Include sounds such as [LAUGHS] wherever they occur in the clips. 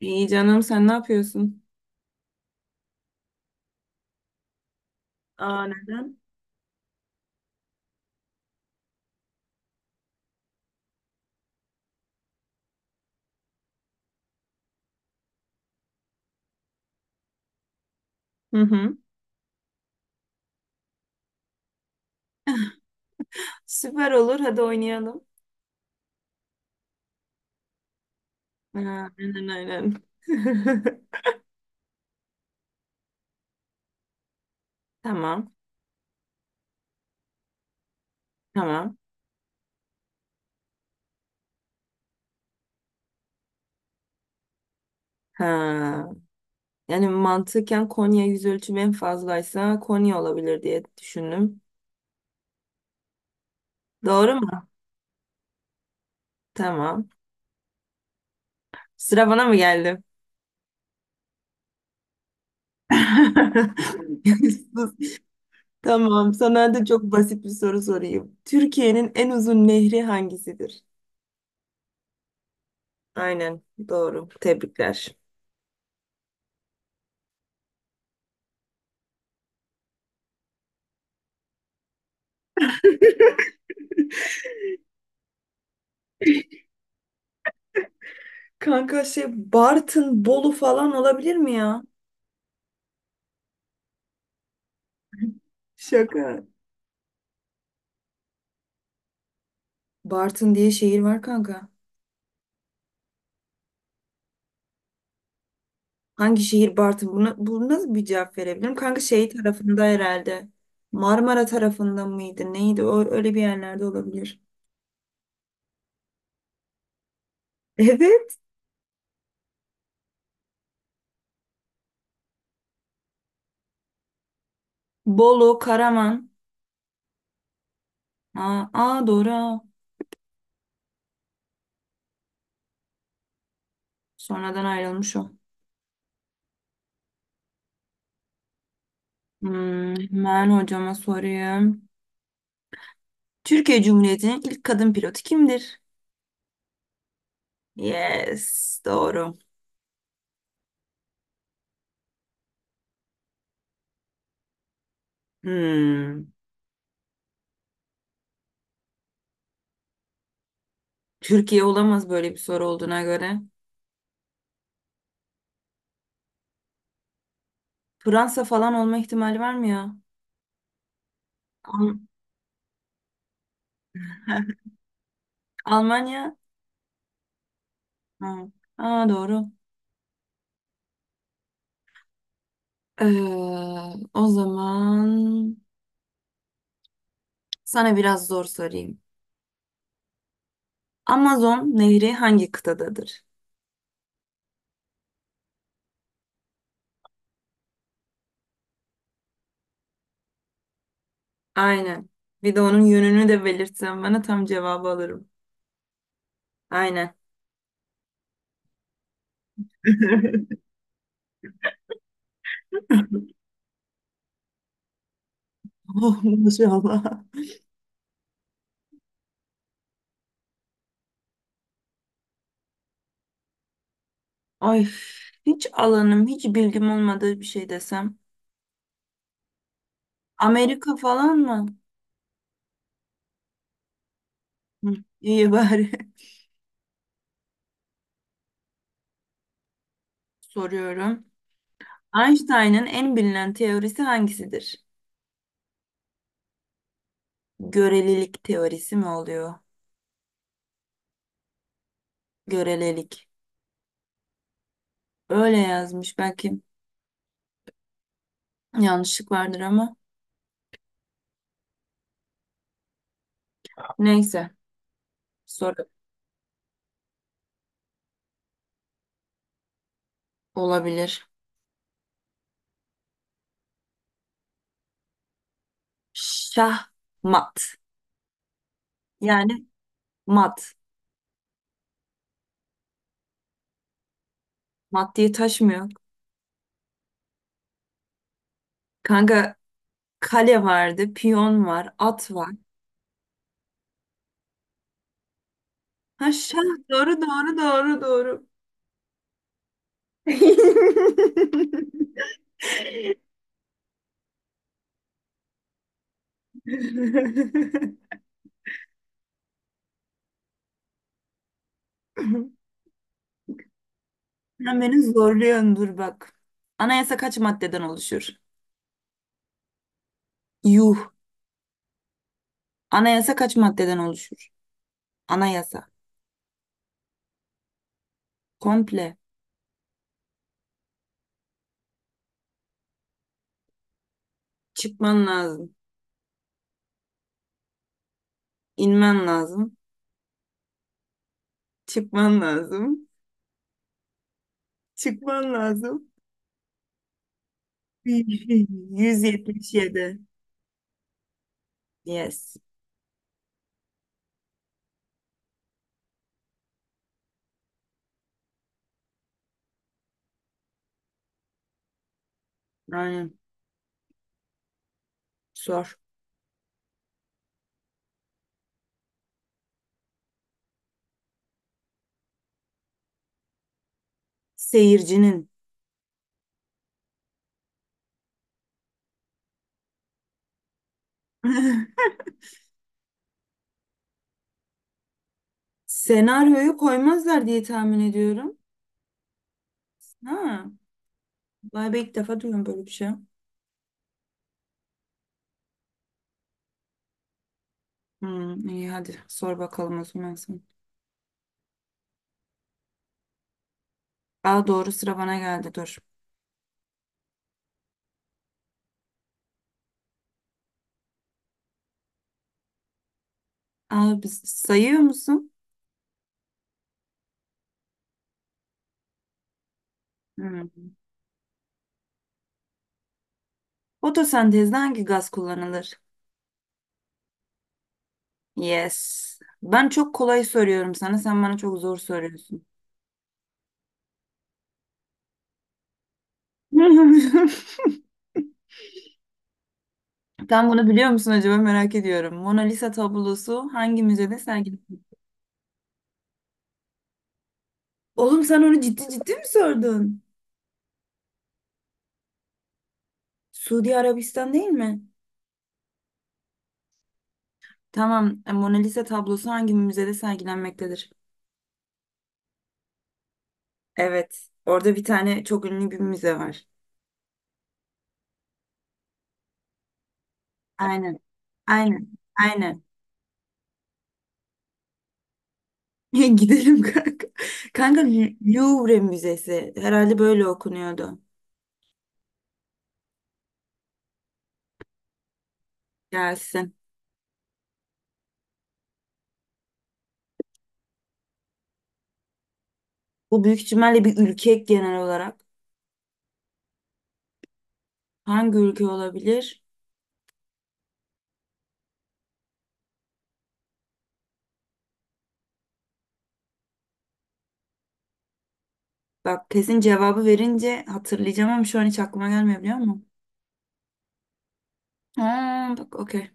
İyi canım, sen ne yapıyorsun? Aa, neden? Hı hı. Süper olur, hadi oynayalım. Ha, aynen aynen. [LAUGHS] Tamam tamam. Ha, yani mantıken Konya yüz ölçümü en fazlaysa Konya olabilir diye düşündüm. Doğru mu? Tamam. Sıra bana mı geldi? [LAUGHS] Sus. Tamam, sana da çok basit bir soru sorayım. Türkiye'nin en uzun nehri hangisidir? Aynen doğru. Tebrikler. Kanka Bartın, Bolu falan olabilir mi ya? Şaka. Bartın diye şehir var kanka. Hangi şehir Bartın? Buna, bu nasıl bir cevap verebilirim? Kanka şey tarafında herhalde. Marmara tarafında mıydı? Neydi? O, öyle bir yerlerde olabilir. [LAUGHS] Evet. Bolu, Karaman. Aa, aa doğru. Ha. Sonradan ayrılmış o. Hmm, hemen hocama sorayım. Türkiye Cumhuriyeti'nin ilk kadın pilotu kimdir? Yes, doğru. Hmm. Türkiye olamaz, böyle bir soru olduğuna göre. Fransa falan olma ihtimali var mı ya? Al- [LAUGHS] Almanya? Ha. Aa, doğru. Ee, O zaman sana biraz zor sorayım. Amazon nehri hangi kıtadadır? Aynen. Bir de onun yönünü de belirtsen bana tam cevabı alırım. Aynen. [LAUGHS] Oh maşallah. Ay, hiç alanım, hiç bilgim olmadığı bir şey desem. Amerika falan mı? Hı, iyi bari. [LAUGHS] Soruyorum. Einstein'ın en bilinen teorisi hangisidir? Görelilik teorisi mi oluyor? Görelilik. Öyle yazmış. Belki yanlışlık vardır ama. Neyse. Soru olabilir. Şahmat. Yani mat. Mat diye taş mı yok? Kanka kale vardı. Piyon var. At var. Ha şah. Doğru doğru doğru doğru. [LAUGHS] Sen beni zorluyorsun, dur bak. Anayasa kaç maddeden oluşur? Yuh. Anayasa kaç maddeden oluşur? Anayasa. Komple. Çıkman lazım. İnmen lazım. Çıkman lazım. Çıkman lazım. [LAUGHS] 177. Yes. Aynen. Sor. Seyircinin. [LAUGHS] Senaryoyu koymazlar diye tahmin ediyorum. Ha. Vay be, ilk defa duyuyorum böyle bir şey. Hmm, iyi hadi sor bakalım o zaman sen. Aa, doğru, sıra bana geldi, dur. Aa, biz sayıyor musun? Hmm. Fotosentezde hangi gaz kullanılır? Yes. Ben çok kolay soruyorum sana. Sen bana çok zor soruyorsun. [LAUGHS] Sen bunu biliyor musun acaba, merak ediyorum. Mona Lisa tablosu hangi müzede sergilenir? Oğlum sen onu ciddi ciddi mi sordun? Suudi Arabistan değil mi? Tamam. Mona Lisa tablosu hangi müzede sergilenmektedir? Evet. Orada bir tane çok ünlü bir müze var. Aynen. Aynen. Aynen. [LAUGHS] Gidelim kanka. Kanka Louvre Müzesi. Herhalde böyle okunuyordu. Gelsin. Bu büyük ihtimalle bir ülke genel olarak. Hangi ülke olabilir? Bak, kesin cevabı verince hatırlayacağım ama şu an hiç aklıma gelmiyor, biliyor musun? Ha, bak, okey.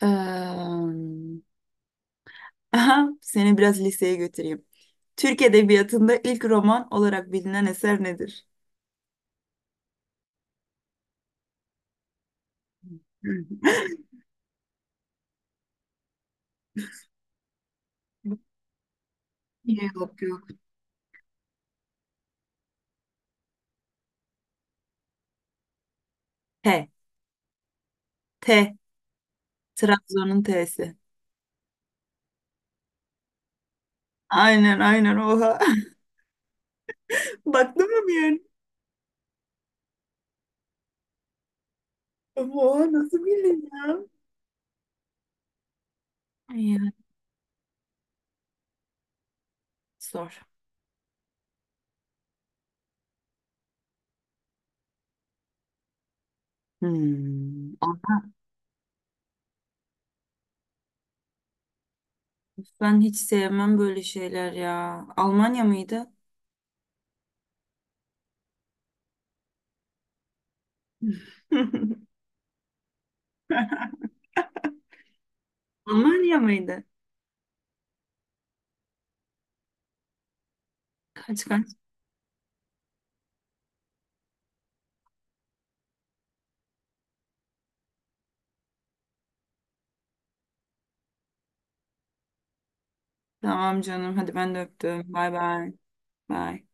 Eee, [LAUGHS] Aha, seni biraz liseye götüreyim. Türk Edebiyatı'nda ilk roman olarak bilinen eser nedir? [LAUGHS] Hı. Yok yok. T. T. Trabzon'un T'si. Aynen aynen, oha. [LAUGHS] Baktın mı bir yer? Oha, nasıl bildin ya? Ay ya, zor. Hmm. Al- Ben hiç sevmem böyle şeyler ya. Almanya mıydı? [LAUGHS] Almanya mıydı? Kaç kaç. Tamam canım. Hadi ben de öptüm. Bay bay. Bay.